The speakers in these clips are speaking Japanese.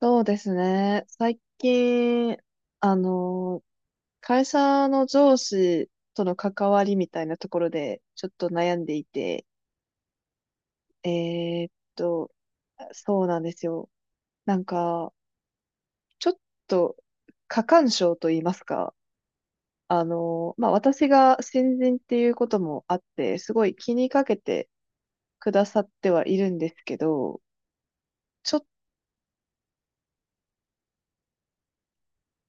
そうですね。最近、あの、会社の上司との関わりみたいなところで、ちょっと悩んでいて、えーっと、そうなんですよ。なんか、ちょっと、過干渉と言いますか、まあ、私が新人っていうこともあって、すごい気にかけてくださってはいるんですけど、ちょっと、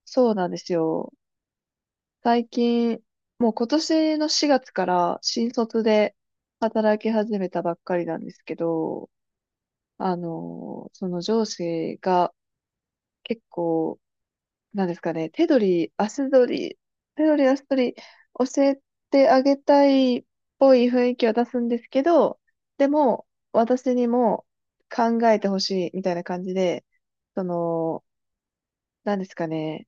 そうなんですよ。最近、もう今年の4月から新卒で働き始めたばっかりなんですけど、その上司が結構、なんですかね、手取り足取り教えてあげたいっぽい雰囲気は出すんですけど、でも、私にも考えてほしいみたいな感じで、その、なんですかね、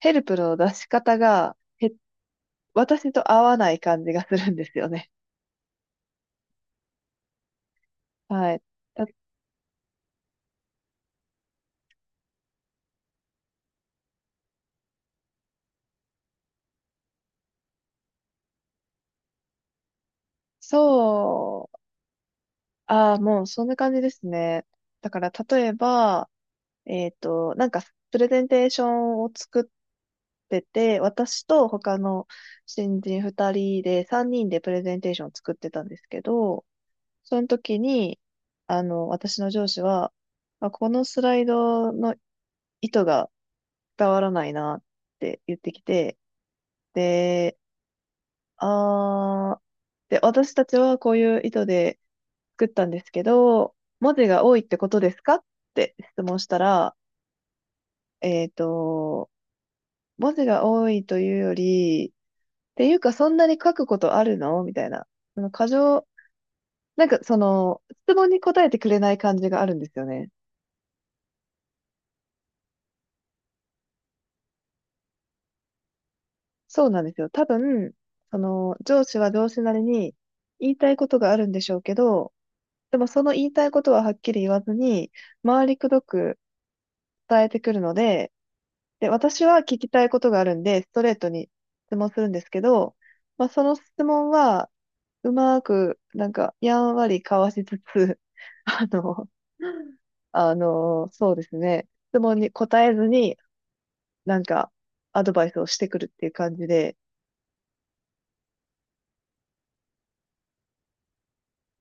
ヘルプの出し方が、私と合わない感じがするんですよね。はい。だそう、ああ、もうそんな感じですね。だから、例えば、えっと、なんか、プレゼンテーションを作ってて、私と他の新人2人で、3人でプレゼンテーションを作ってたんですけど、その時に、私の上司は、あ、このスライドの意図が伝わらないなって言ってきて、で、あー、で、私たちはこういう意図で、作ったんですけど、文字が多いってことですかって質問したら、えっと、文字が多いというより、っていうかそんなに書くことあるのみたいな。その過剰、質問に答えてくれない感じがあるんですよね。そうなんですよ。多分、上司は上司なりに言いたいことがあるんでしょうけど、でもその言いたいことははっきり言わずに、回りくどく伝えてくるので、で、私は聞きたいことがあるんで、ストレートに質問するんですけど、まあ、その質問は、うまく、やんわりかわしつつ、あの、そうですね、質問に答えずに、なんか、アドバイスをしてくるっていう感じで、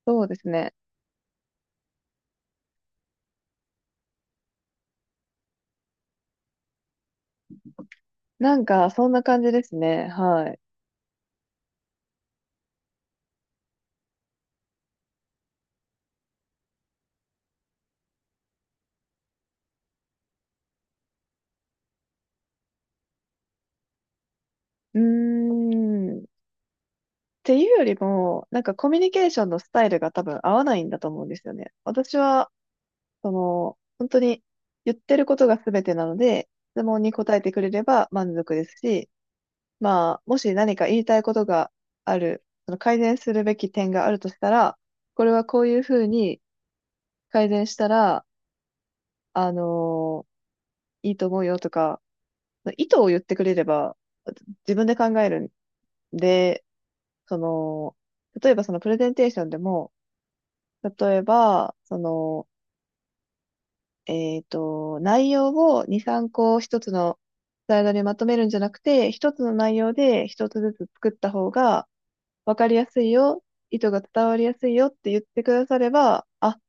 そうですね。そんな感じですね。はい。うーん。っていうよりも、コミュニケーションのスタイルが多分合わないんだと思うんですよね。私は本当に言ってることが全てなので、質問に答えてくれれば満足ですし、まあ、もし何か言いたいことがある、その改善するべき点があるとしたら、これはこういうふうに改善したら、あのいいと思うよとか、意図を言ってくれれば、自分で考えるんで、その、例えばそのプレゼンテーションでも、例えば、内容を2、3個一つのスライドにまとめるんじゃなくて、一つの内容で一つずつ作った方が分かりやすいよ、意図が伝わりやすいよって言ってくだされば、あ、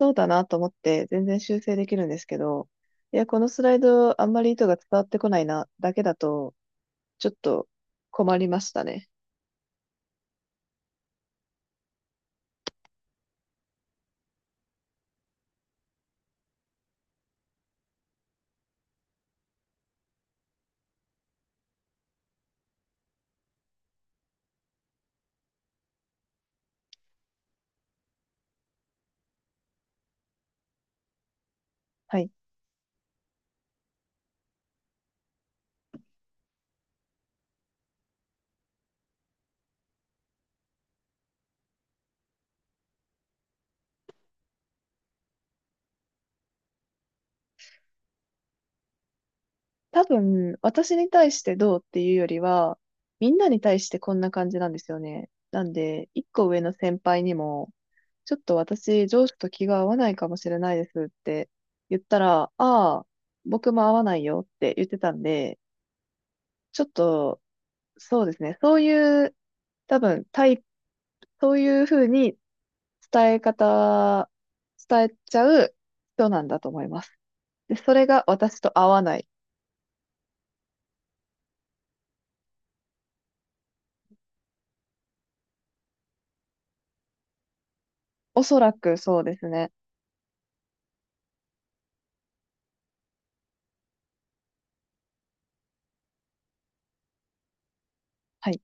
そうだなと思って全然修正できるんですけど、いや、このスライドあんまり意図が伝わってこないな、だけだと、ちょっと困りましたね。はい。多分、私に対してどうっていうよりは、みんなに対してこんな感じなんですよね。なんで、一個上の先輩にも、ちょっと私、上司と気が合わないかもしれないですって言ったら、ああ、僕も合わないよって言ってたんで、ちょっと、そうですね、そういう、多分、タイプ、そういうふうに伝え方、伝えちゃう人なんだと思います。で、それが私と合わない。おそらくそうですね。はい、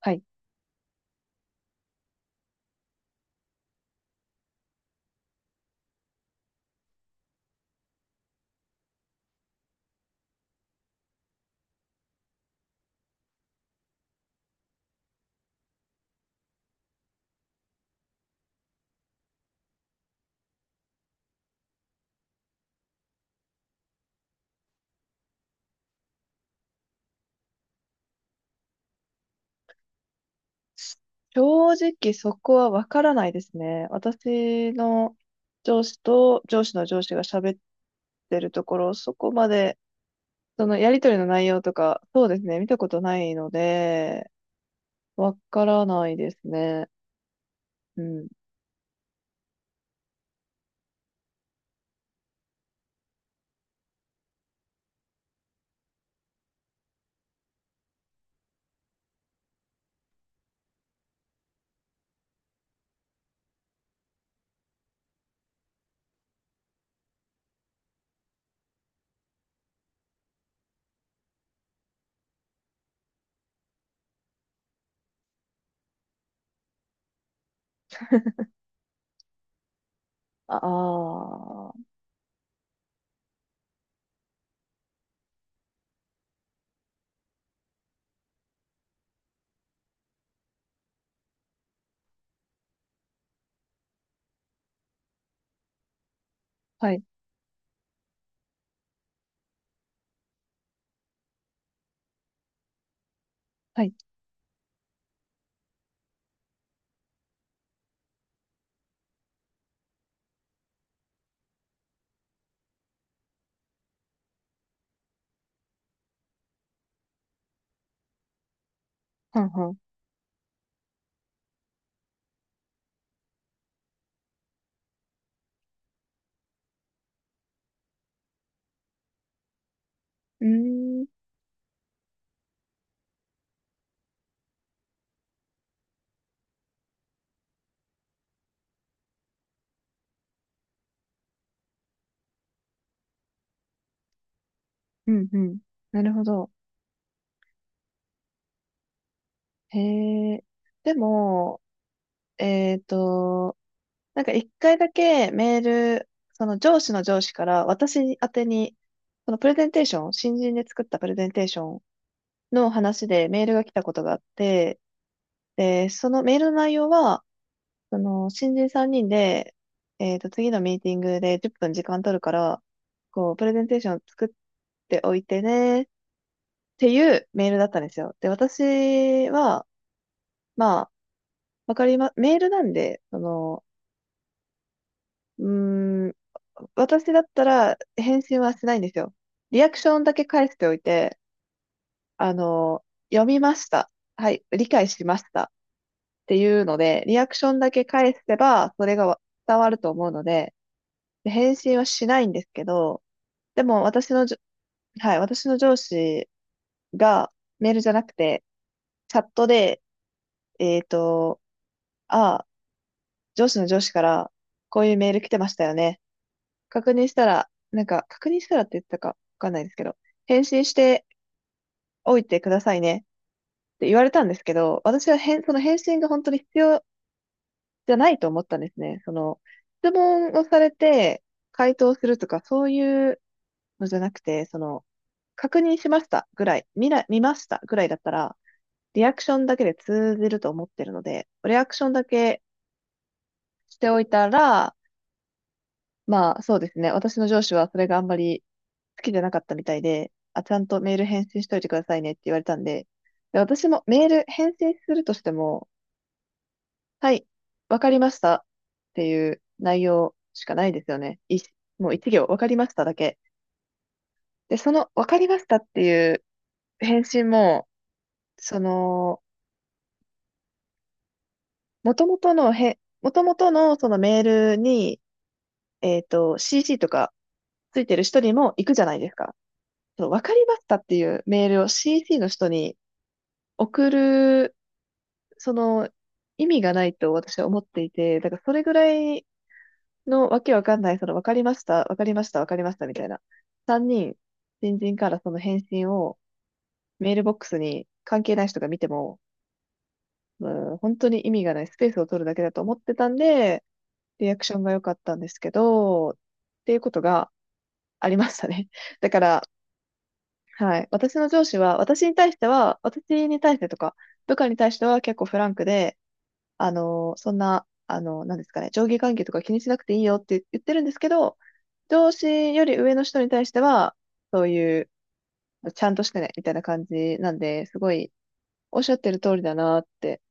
はい。正直そこはわからないですね。私の上司と上司の上司が喋ってるところ、そこまで、そのやりとりの内容とか、そうですね、見たことないので、わからないですね。うん。ああー、はい、はい、はんはん。うーん、うん、うん。なるほど。へえ。でも、えっと、一回だけメール、その上司の上司から私宛てに、そのプレゼンテーション、新人で作ったプレゼンテーションの話でメールが来たことがあって、で、そのメールの内容は、新人3人で、次のミーティングで10分時間取るから、こう、プレゼンテーションを作っておいてね、っていうメールだったんですよ。で、私は、まあ、わかりま、メールなんで、うーん、私だったら返信はしないんですよ。リアクションだけ返しておいて、あの、読みました。はい、理解しました。っていうので、リアクションだけ返せば、それが伝わると思うので、で返信はしないんですけど、でも私のじょ、はい、私の上司がメールじゃなくて、チャットで、えっと、ああ、上司の上司からこういうメール来てましたよね。確認したら、確認したらって言ってたかわかんないですけど、返信しておいてくださいねって言われたんですけど、私は返、その返信が本当に必要じゃないと思ったんですね。質問をされて回答するとか、そういうのじゃなくて、確認しましたぐらい、見ましたぐらいだったら、リアクションだけで通じると思ってるので、リアクションだけしておいたら、まあそうですね。私の上司はそれがあんまり好きじゃなかったみたいで、あ、ちゃんとメール返信しといてくださいねって言われたんで、で私もメール返信するとしても、はい、わかりましたっていう内容しかないですよね。もう一行、わかりましただけ。で、そのわかりましたっていう返信も、その、元々のそのメールに、CC とかついてる人にも行くじゃないですか。わかりましたっていうメールを CC の人に送る、その、意味がないと私は思っていて、だからそれぐらいのわけわかんない、わかりました、わかりました、わかりましたみたいな。3人、新人からその返信をメールボックスに関係ない人が見ても、うん、本当に意味がないスペースを取るだけだと思ってたんで、リアクションが良かったんですけど、っていうことがありましたね。だから、はい。私の上司は、私に対してとか、部下に対しては結構フランクで、そんな、なんですかね、上下関係とか気にしなくていいよって言ってるんですけど、上司より上の人に対しては、そういう、ちゃんとしてね、みたいな感じなんで、すごい、おっしゃってる通りだなって。